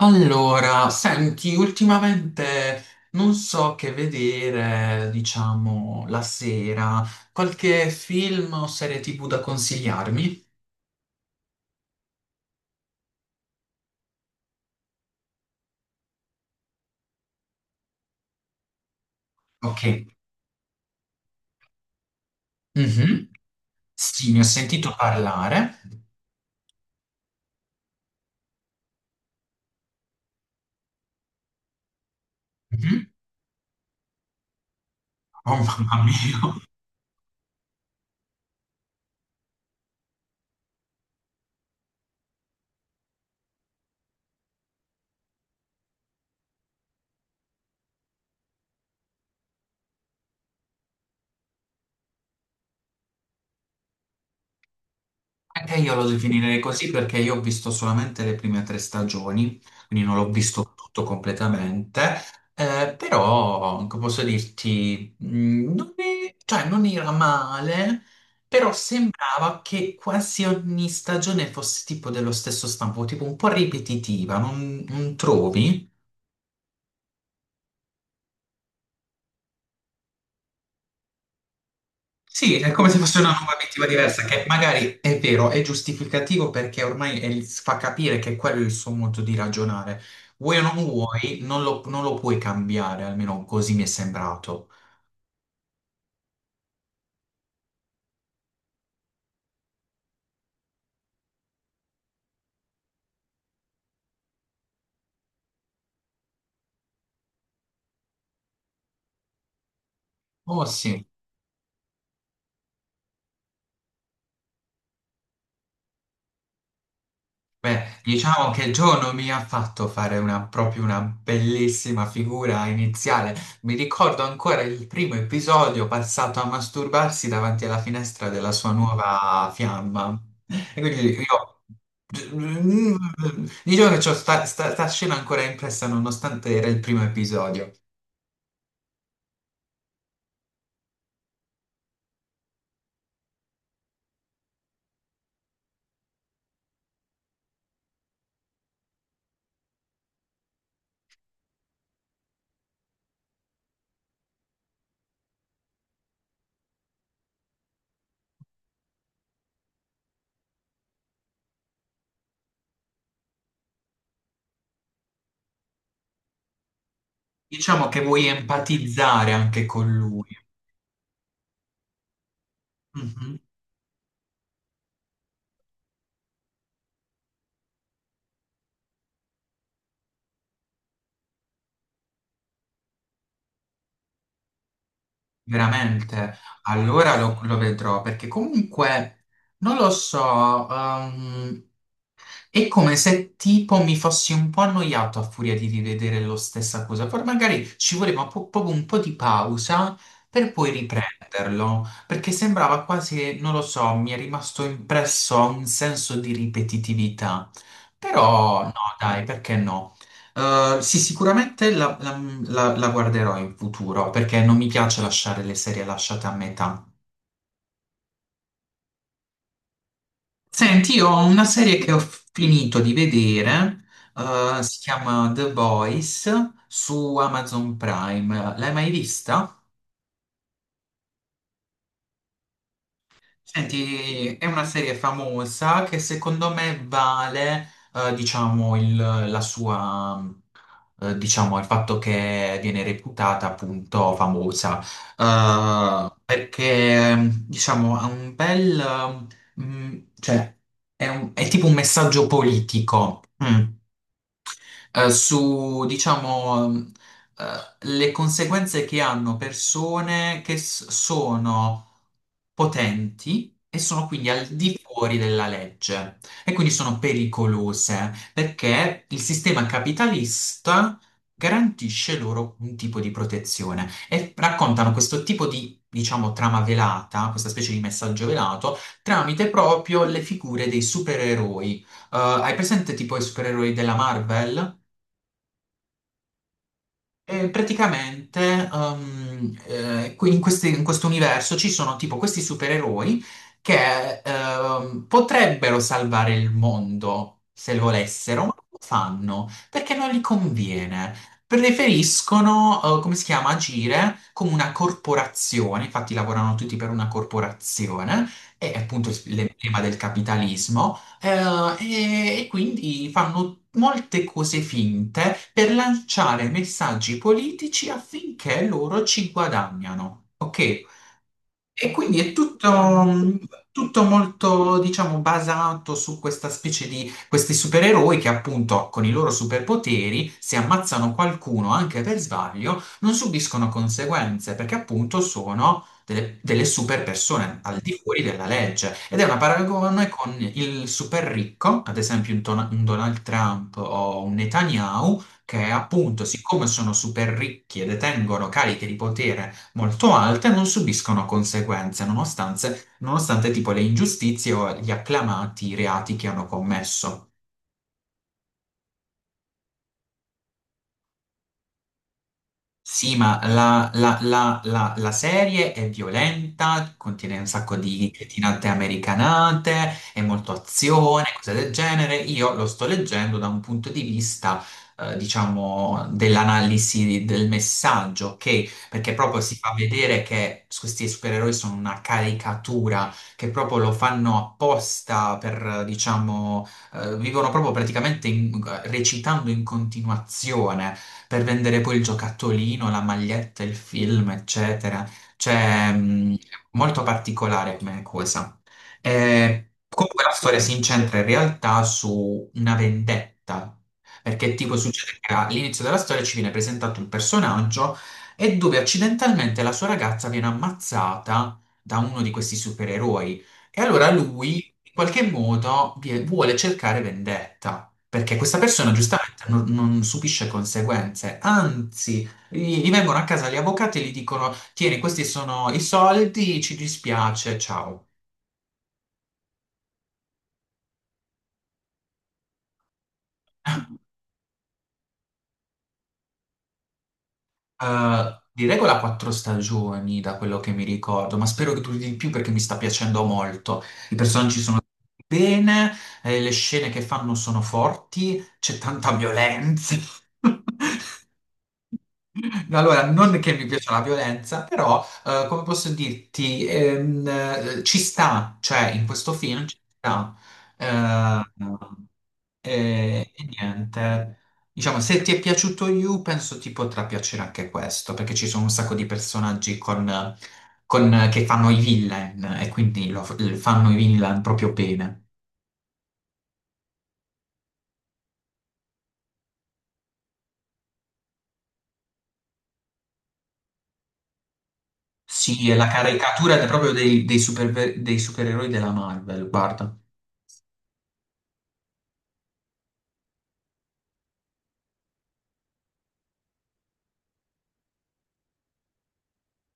Allora, senti, ultimamente non so che vedere, diciamo, la sera. Qualche film o serie TV da consigliarmi? Ok. Mhm. Sì, ne ho sentito parlare. Mhm. Oh mamma mia. Anche io lo definirei così perché io ho visto solamente le prime tre stagioni, quindi non l'ho visto tutto completamente, però come posso dirti, non è- cioè, non era male, però sembrava che quasi ogni stagione fosse tipo dello stesso stampo, tipo un po' ripetitiva, non trovi? Sì, è come se fosse una nuova obiettiva diversa, che magari è vero, è giustificativo perché ormai fa capire che quello è il suo modo di ragionare. Vuoi o non vuoi, non lo puoi cambiare, almeno così mi è sembrato. Oh sì. Beh, diciamo che Joe non mi ha fatto fare proprio una bellissima figura iniziale. Mi ricordo ancora il primo episodio passato a masturbarsi davanti alla finestra della sua nuova fiamma. E quindi io... Diciamo che sta scena ancora impressa nonostante era il primo episodio. Diciamo che vuoi empatizzare anche con lui. Mhm. Veramente, allora lo vedrò perché comunque non lo so, è come se tipo mi fossi un po' annoiato a furia di rivedere lo stessa cosa. Poi magari ci voleva proprio un po' di pausa per poi riprenderlo, perché sembrava quasi, non lo so, mi è rimasto impresso un senso di ripetitività. Però no, dai, perché no? Sì, sicuramente la guarderò in futuro perché non mi piace lasciare le serie lasciate a metà. Senti, io ho una serie che ho finito di vedere, si chiama The Voice su Amazon Prime. L'hai mai vista? Senti, è una serie famosa che secondo me vale, diciamo, la sua, diciamo, il fatto che viene reputata appunto famosa, Eh, perché, diciamo, ha un bel, mm, cioè, è tipo un messaggio politico. Mm. Eh, su, diciamo, le conseguenze che hanno persone che sono potenti e sono quindi al di fuori della legge e quindi sono pericolose perché il sistema capitalista garantisce loro un tipo di protezione e raccontano questo tipo di, diciamo, trama velata, questa specie di messaggio velato, tramite proprio le figure dei supereroi. Hai presente tipo i supereroi della Marvel? E praticamente um, qui- in questi- in questo universo ci sono tipo questi supereroi che potrebbero salvare il mondo se volessero, ma non lo fanno perché non gli conviene. Preferiscono, come si chiama, agire come una corporazione, infatti lavorano tutti per una corporazione, è appunto l'emblema del capitalismo. E quindi fanno molte cose finte per lanciare messaggi politici affinché loro ci guadagnano. Ok? E quindi è tutto, tutto molto, diciamo, basato su questa specie di questi supereroi che appunto con i loro superpoteri, se ammazzano qualcuno anche per sbaglio, non subiscono conseguenze perché appunto sono delle super persone al di fuori della legge. Ed è una paragone con il super ricco, ad esempio un Donald Trump o un Netanyahu, che appunto, siccome sono super ricchi e detengono cariche di potere molto alte non subiscono conseguenze, nonostante tipo le ingiustizie o gli acclamati reati che hanno commesso. Sì, ma la serie è violenta, contiene un sacco di cretinate americanate, è molto azione, cose del genere. Io lo sto leggendo da un punto di vista, diciamo, dell'analisi del messaggio, ok? Perché proprio si fa vedere che questi supereroi sono una caricatura, che proprio lo fanno apposta per, diciamo, vivono proprio praticamente recitando in continuazione per vendere poi il giocattolino, la maglietta, il film, eccetera. Cioè, molto particolare come cosa. Comunque la storia si incentra in realtà su una vendetta. Perché tipo succede che all'inizio della storia ci viene presentato un personaggio e dove accidentalmente la sua ragazza viene ammazzata da uno di questi supereroi. E allora lui, in qualche modo, vuole cercare vendetta. Perché questa persona giustamente non subisce conseguenze, anzi, gli vengono a casa gli avvocati e gli dicono: Tieni, questi sono i soldi, ci dispiace, ciao. Di regola quattro stagioni da quello che mi ricordo, ma spero che duri di più perché mi sta piacendo molto. I personaggi sono bene, le scene che fanno sono forti, c'è tanta violenza. Allora, non che mi piaccia la violenza, però, come posso dirti, ci sta, cioè in questo film ci sta. Eh, e niente, diciamo, se ti è piaciuto You, penso ti potrà piacere anche questo, perché ci sono un sacco di personaggi che fanno i villain e quindi fanno i villain proprio bene. Sì, è la caricatura proprio dei dei supereroi della Marvel, guarda.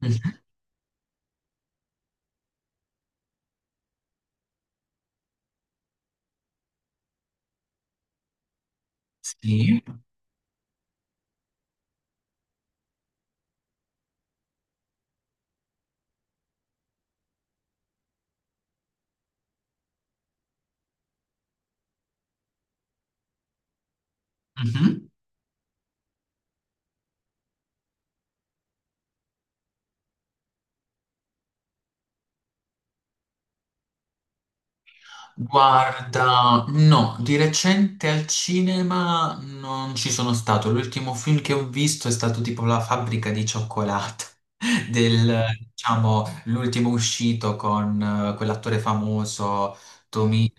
Mhm. Sì. Mhm. Guarda, no, di recente al cinema non ci sono stato. L'ultimo film che ho visto è stato tipo La fabbrica di cioccolato, del, diciamo, l'ultimo uscito con quell'attore famoso, Tomi,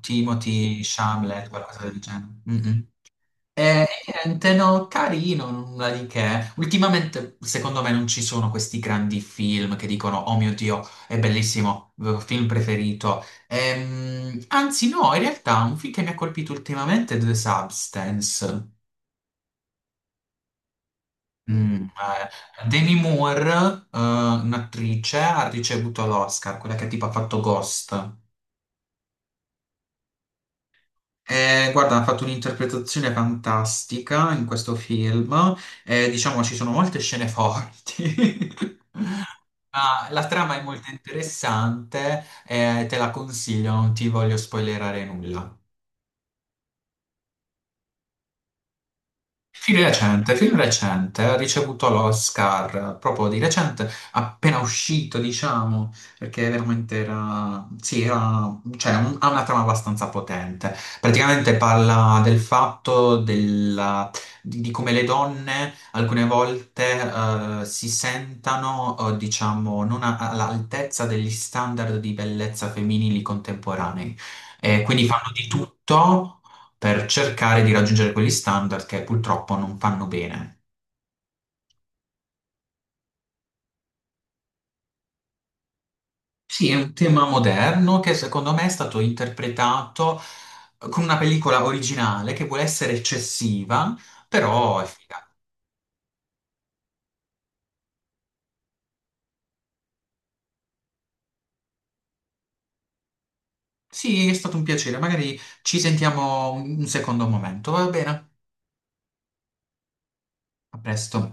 Timothy Chalamet, qualcosa del genere. Mm, mm. E niente, no, carino, nulla di che. Ultimamente, secondo me, non ci sono questi grandi film che dicono: Oh mio Dio, è bellissimo, film preferito. Anzi, no, in realtà, un film che mi ha colpito ultimamente è The Substance. Demi Moore, un'attrice, ha ricevuto l'Oscar, quella che tipo ha fatto Ghost. Guarda, ha fatto un'interpretazione fantastica in questo film. Diciamo ci sono molte scene forti. Ma la trama è molto interessante, te la consiglio, non ti voglio spoilerare nulla. Film recente, ha ricevuto l'Oscar proprio di recente, appena uscito, diciamo, perché veramente cioè, ha una trama abbastanza potente. Praticamente parla del fatto di come le donne alcune volte si sentano, diciamo, non a- all'altezza degli standard di bellezza femminili contemporanei. E quindi fanno di tutto per cercare di raggiungere quegli standard che purtroppo non fanno bene. Sì, è un tema moderno che secondo me è stato interpretato con una pellicola originale che vuole essere eccessiva, però è figa. Sì, è stato un piacere, magari ci sentiamo un secondo momento, va bene? A presto.